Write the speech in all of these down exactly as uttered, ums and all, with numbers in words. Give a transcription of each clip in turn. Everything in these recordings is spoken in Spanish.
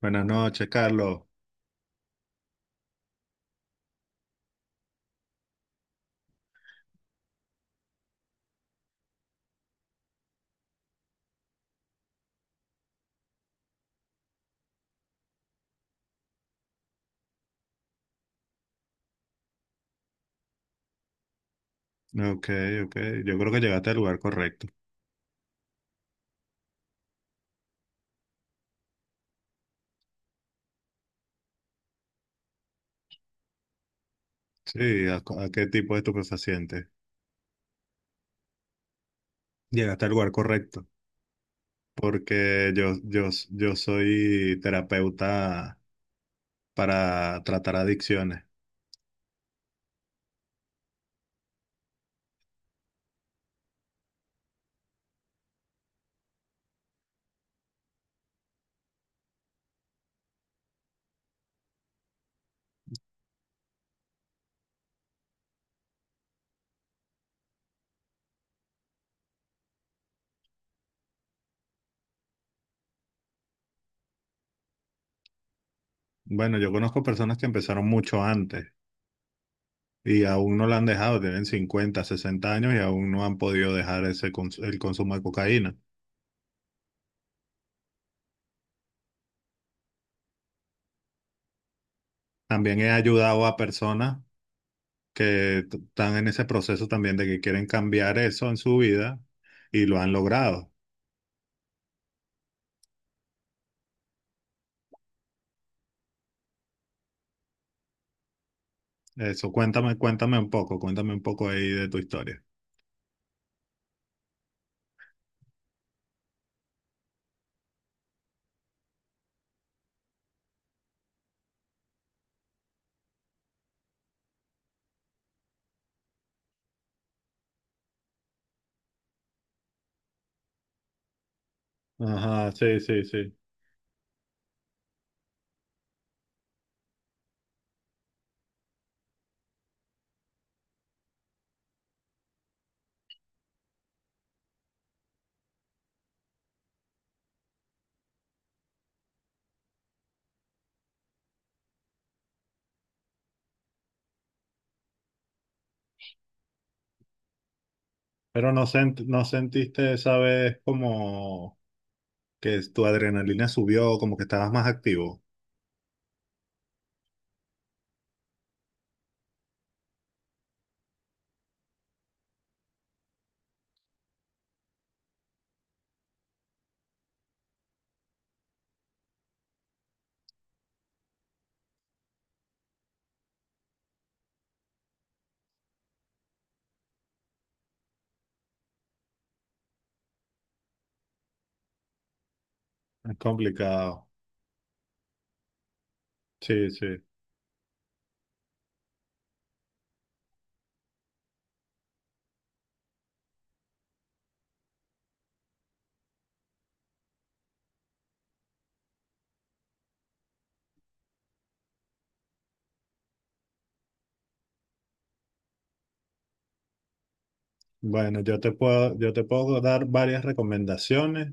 Buenas noches, Carlos. Ok, ok. Yo creo que llegaste al lugar correcto. Sí, ¿a, cu- a qué tipo de estupefaciente? Llegaste al lugar correcto, porque yo, yo, yo soy terapeuta para tratar adicciones. Bueno, yo conozco personas que empezaron mucho antes y aún no la han dejado, tienen cincuenta, sesenta años y aún no han podido dejar ese cons- el consumo de cocaína. También he ayudado a personas que t- están en ese proceso también de que quieren cambiar eso en su vida y lo han logrado. Eso, cuéntame, cuéntame un poco, cuéntame un poco ahí de tu historia. Ajá, sí, sí, sí. Pero no sent- no sentiste esa vez como que tu adrenalina subió, como que estabas más activo. Es complicado. Sí, sí. Bueno, yo te puedo, yo te puedo dar varias recomendaciones,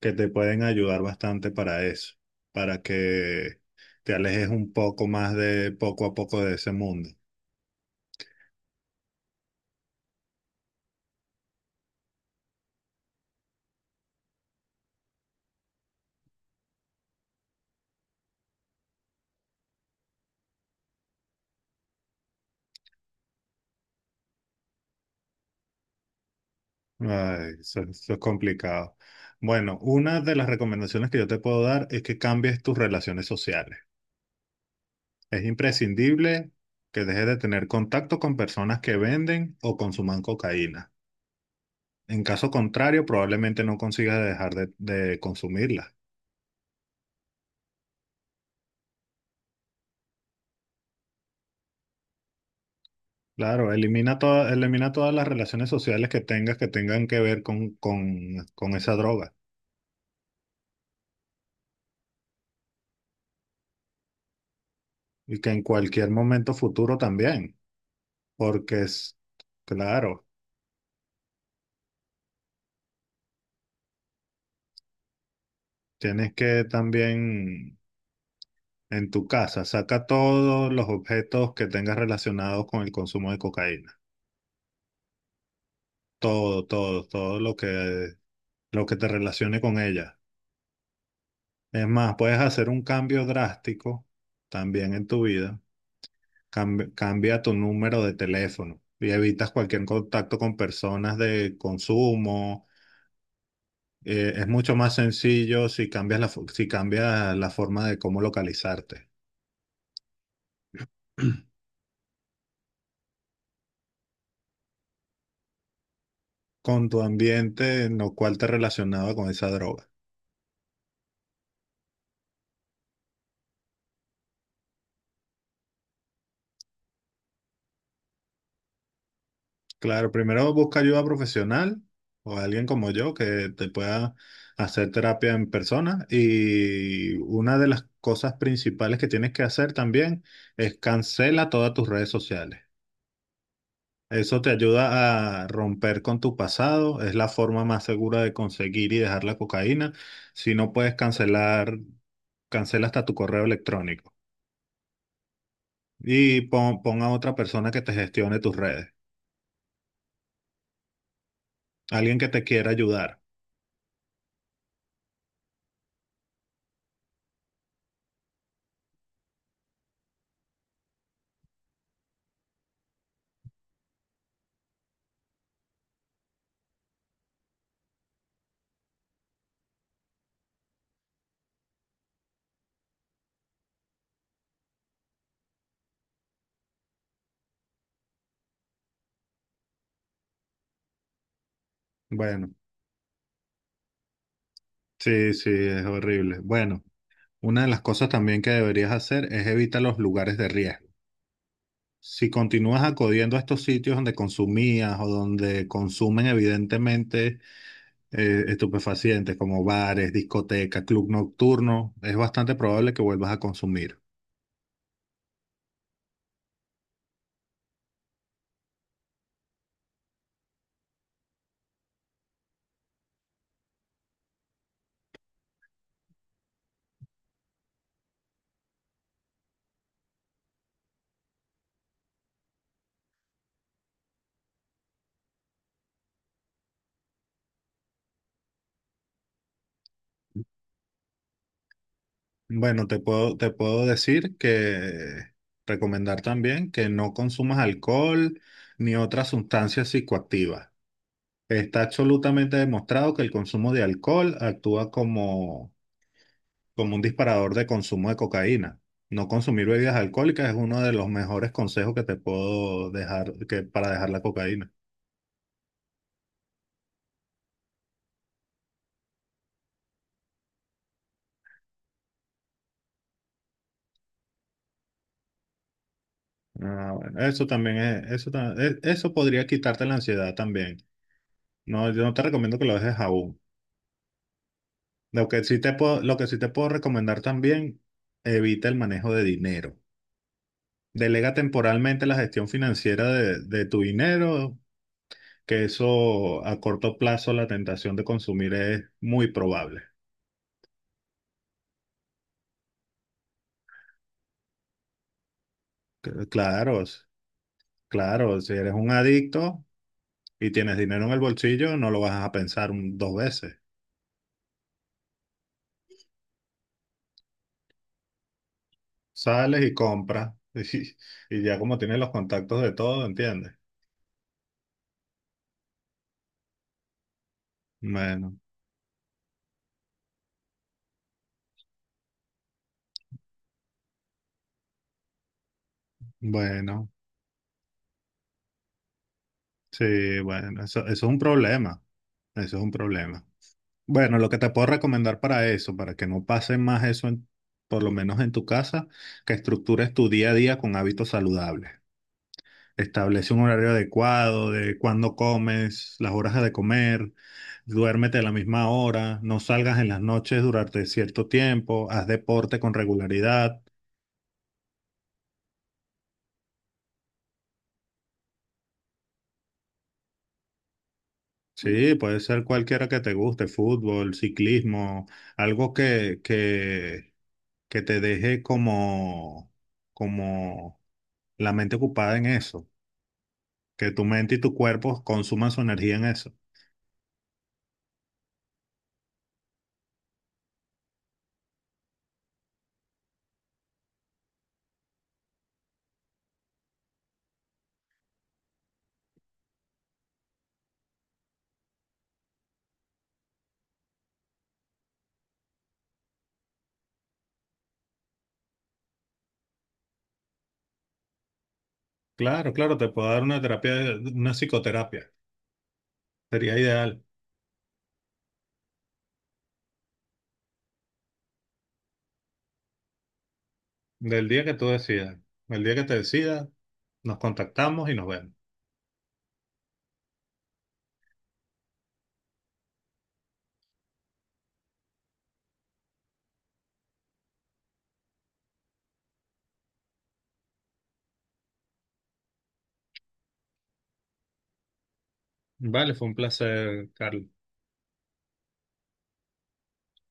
que te pueden ayudar bastante para eso, para que te alejes un poco más de poco a poco de ese mundo. Ay, eso, eso es complicado. Bueno, una de las recomendaciones que yo te puedo dar es que cambies tus relaciones sociales. Es imprescindible que dejes de tener contacto con personas que venden o consuman cocaína. En caso contrario, probablemente no consigas dejar de de consumirla. Claro, elimina toda, elimina todas las relaciones sociales que tengas que tengan que ver con, con, con esa droga, y que en cualquier momento futuro también, porque es, claro, tienes que también en tu casa saca todos los objetos que tengas relacionados con el consumo de cocaína, todo, todo, todo lo que, lo que te relacione con ella. Es más, puedes hacer un cambio drástico también en tu vida. Cambia, cambia tu número de teléfono y evitas cualquier contacto con personas de consumo. Eh, es mucho más sencillo si cambias la, fo- si cambias la forma de cómo localizarte con tu ambiente en lo cual te relacionaba con esa droga. Claro, primero busca ayuda profesional o alguien como yo que te pueda hacer terapia en persona. Y una de las cosas principales que tienes que hacer también es cancela todas tus redes sociales. Eso te ayuda a romper con tu pasado, es la forma más segura de conseguir y dejar la cocaína. Si no puedes cancelar, cancela hasta tu correo electrónico y pon, pon a otra persona que te gestione tus redes, alguien que te quiera ayudar. Bueno, sí, sí, es horrible. Bueno, una de las cosas también que deberías hacer es evitar los lugares de riesgo. Si continúas acudiendo a estos sitios donde consumías o donde consumen evidentemente eh, estupefacientes como bares, discotecas, club nocturno, es bastante probable que vuelvas a consumir. Bueno, te puedo, te puedo decir que recomendar también que no consumas alcohol ni otras sustancias psicoactivas. Está absolutamente demostrado que el consumo de alcohol actúa como, como un disparador de consumo de cocaína. No consumir bebidas alcohólicas es uno de los mejores consejos que te puedo dejar, que, para dejar la cocaína. Ah, bueno, eso también es, eso, ta- e- eso podría quitarte la ansiedad también. No, yo no te recomiendo que lo dejes aún. Lo que sí te puedo, lo que sí te puedo recomendar también, evita el manejo de dinero. Delega temporalmente la gestión financiera de, de tu dinero, que eso a corto plazo la tentación de consumir es muy probable. C- Claro, s- claro, si eres un adicto y tienes dinero en el bolsillo, no lo vas a pensar un- dos veces. Sales y compras. Y, y ya como tienes los contactos de todo, ¿entiendes? Bueno, bueno, sí, bueno, eso, eso es un problema. Eso es un problema. Bueno, lo que te puedo recomendar para eso, para que no pase más eso, en- por lo menos en tu casa, que estructures tu día a día con hábitos saludables. Establece un horario adecuado de cuándo comes, las horas de comer, duérmete a la misma hora, no salgas en las noches durante cierto tiempo, haz deporte con regularidad. Sí, puede ser cualquiera que te guste, fútbol, ciclismo, algo que, que, que te deje como, como la mente ocupada en eso, que tu mente y tu cuerpo consuman su energía en eso. Claro, claro, te puedo dar una terapia, una psicoterapia, sería ideal. Del día que tú decidas, el día que te decidas, nos contactamos y nos vemos. Vale, fue un placer, Carlos.